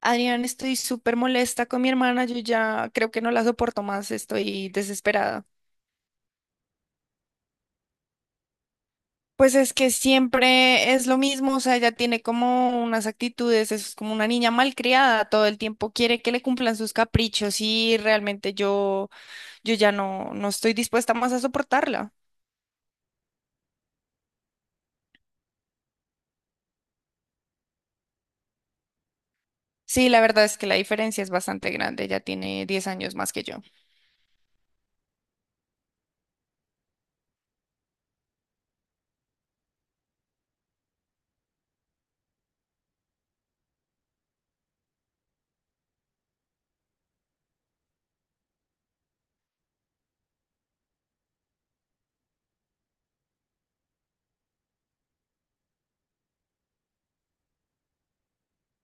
Adrián, estoy súper molesta con mi hermana, yo ya creo que no la soporto más, estoy desesperada. Pues es que siempre es lo mismo, o sea, ella tiene como unas actitudes, es como una niña malcriada, todo el tiempo quiere que le cumplan sus caprichos y realmente yo ya no estoy dispuesta más a soportarla. Sí, la verdad es que la diferencia es bastante grande, ella tiene 10 años más que yo.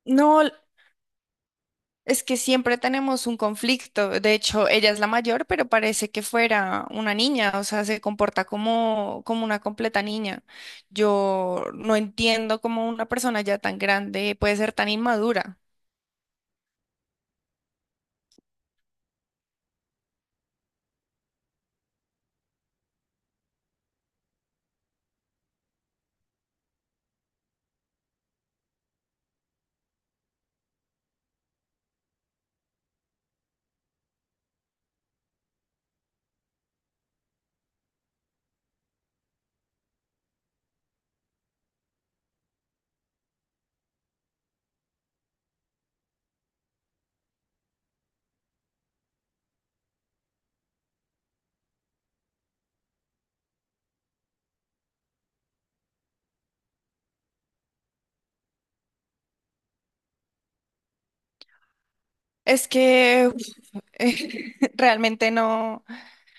No, es que siempre tenemos un conflicto. De hecho, ella es la mayor, pero parece que fuera una niña, o sea, se comporta como una completa niña. Yo no entiendo cómo una persona ya tan grande puede ser tan inmadura. Es que uf, realmente no,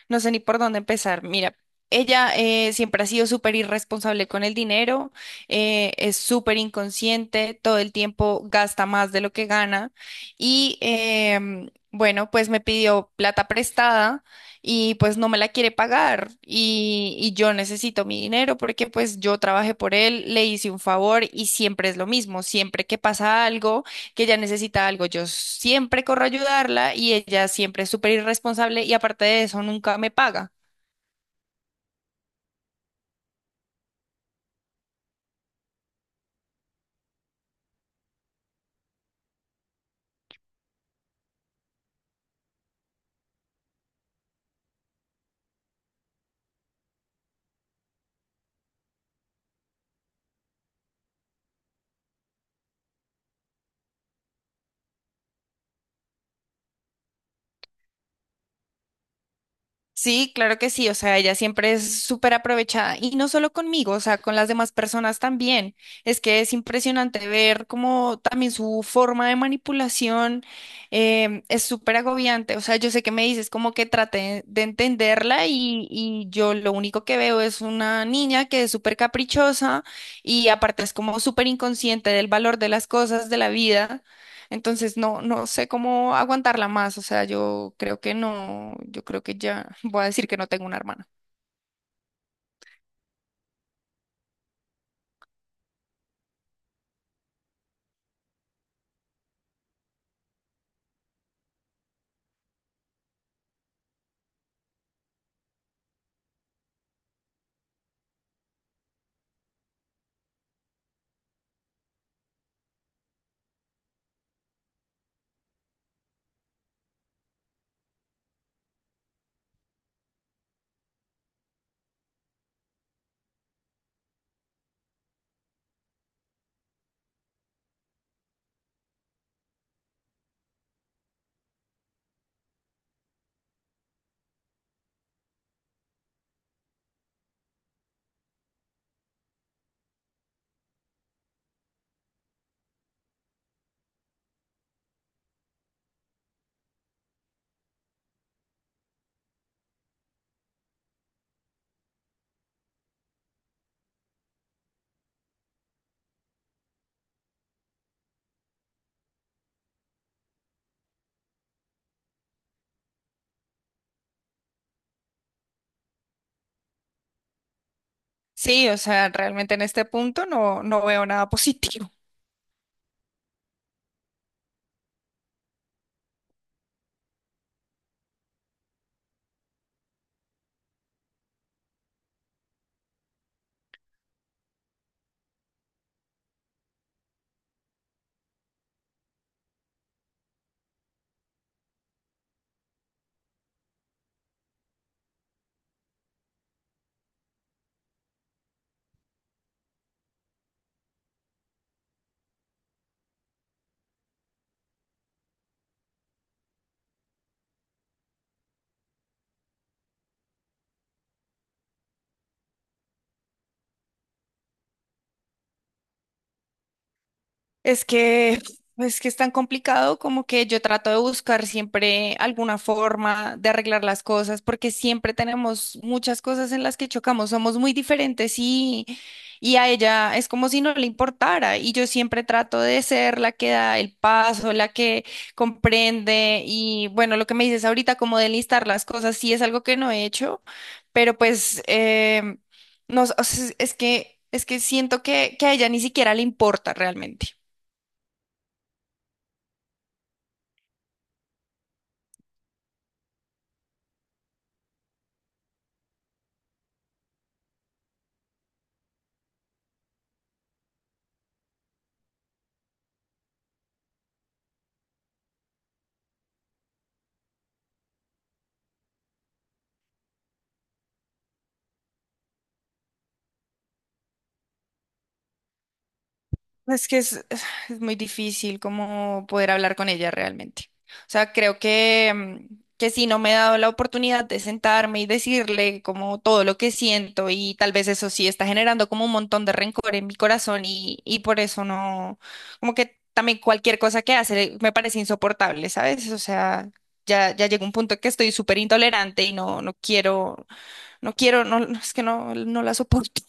no sé ni por dónde empezar. Mira, ella siempre ha sido súper irresponsable con el dinero, es súper inconsciente, todo el tiempo gasta más de lo que gana y bueno, pues me pidió plata prestada y pues no me la quiere pagar y yo necesito mi dinero porque pues yo trabajé por él, le hice un favor y siempre es lo mismo, siempre que pasa algo que ella necesita algo, yo siempre corro a ayudarla y ella siempre es súper irresponsable y aparte de eso nunca me paga. Sí, claro que sí, o sea, ella siempre es súper aprovechada y no solo conmigo, o sea, con las demás personas también. Es que es impresionante ver cómo también su forma de manipulación es súper agobiante, o sea, yo sé que me dices como que trate de entenderla y yo lo único que veo es una niña que es súper caprichosa y aparte es como súper inconsciente del valor de las cosas de la vida. Entonces no sé cómo aguantarla más. O sea, yo creo que no, yo creo que ya voy a decir que no tengo una hermana. Sí, o sea, realmente en este punto no veo nada positivo. Es que, es que es tan complicado como que yo trato de buscar siempre alguna forma de arreglar las cosas, porque siempre tenemos muchas cosas en las que chocamos, somos muy diferentes y a ella es como si no le importara. Y yo siempre trato de ser la que da el paso, la que comprende. Y bueno, lo que me dices ahorita, como de listar las cosas, sí es algo que no he hecho, pero pues no, o sea, es que siento que a ella ni siquiera le importa realmente. Es que es, es muy difícil como poder hablar con ella realmente. O sea, creo que, que sí, no me he dado la oportunidad de sentarme y decirle como todo lo que siento y tal vez eso sí está generando como un montón de rencor en mi corazón y por eso no, como que también cualquier cosa que hace me parece insoportable, ¿sabes? O sea, ya llega un punto que estoy súper intolerante y no quiero, no quiero, no, no, es que no la soporto.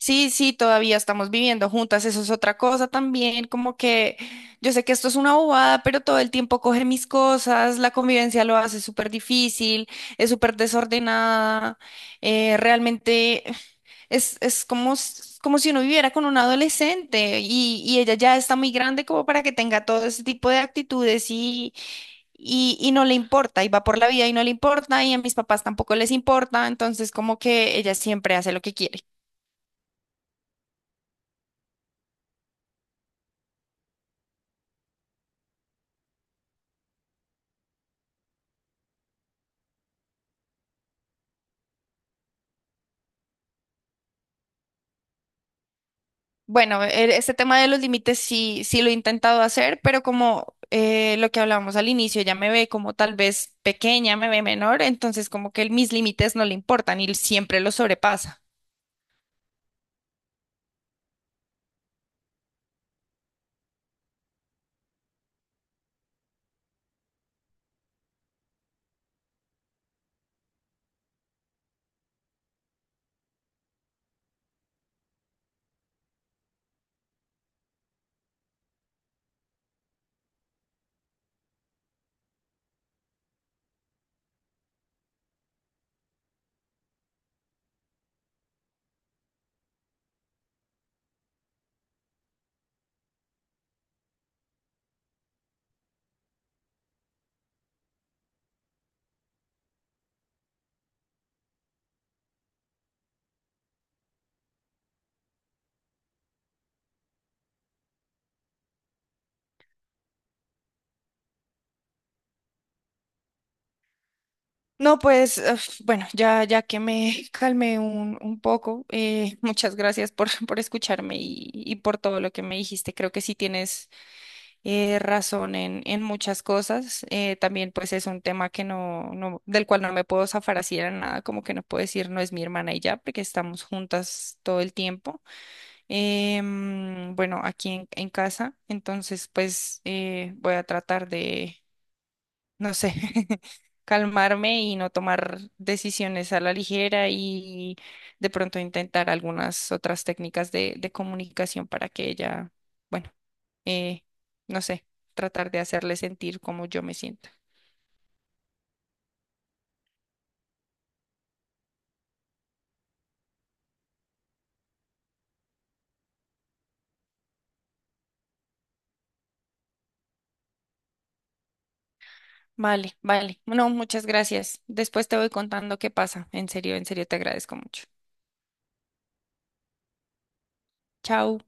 Sí, sí, todavía estamos viviendo juntas, eso es otra cosa también, como que yo sé que esto es una bobada, pero todo el tiempo coge mis cosas, la convivencia lo hace súper difícil, es súper desordenada, realmente es como, como si uno viviera con un adolescente y ella ya está muy grande como para que tenga todo ese tipo de actitudes y no le importa, y va por la vida y no le importa, y a mis papás tampoco les importa, entonces como que ella siempre hace lo que quiere. Bueno, este tema de los límites sí lo he intentado hacer, pero como lo que hablábamos al inicio, ya me ve como tal vez pequeña, me ve menor, entonces como que mis límites no le importan y siempre los sobrepasa. No, pues uf, bueno, ya que me calmé un poco, muchas gracias por, por escucharme y por todo lo que me dijiste. Creo que sí tienes razón en muchas cosas. También pues es un tema que del cual no me puedo zafar así de nada, como que no puedo decir no es mi hermana y ya, porque estamos juntas todo el tiempo. Bueno, aquí en casa, entonces pues voy a tratar de, no sé, calmarme y no tomar decisiones a la ligera y de pronto intentar algunas otras técnicas de comunicación para que ella, bueno, eh, no sé, tratar de hacerle sentir como yo me siento. Vale, vale. No, muchas gracias. Después te voy contando qué pasa. En serio, te agradezco mucho. Chao.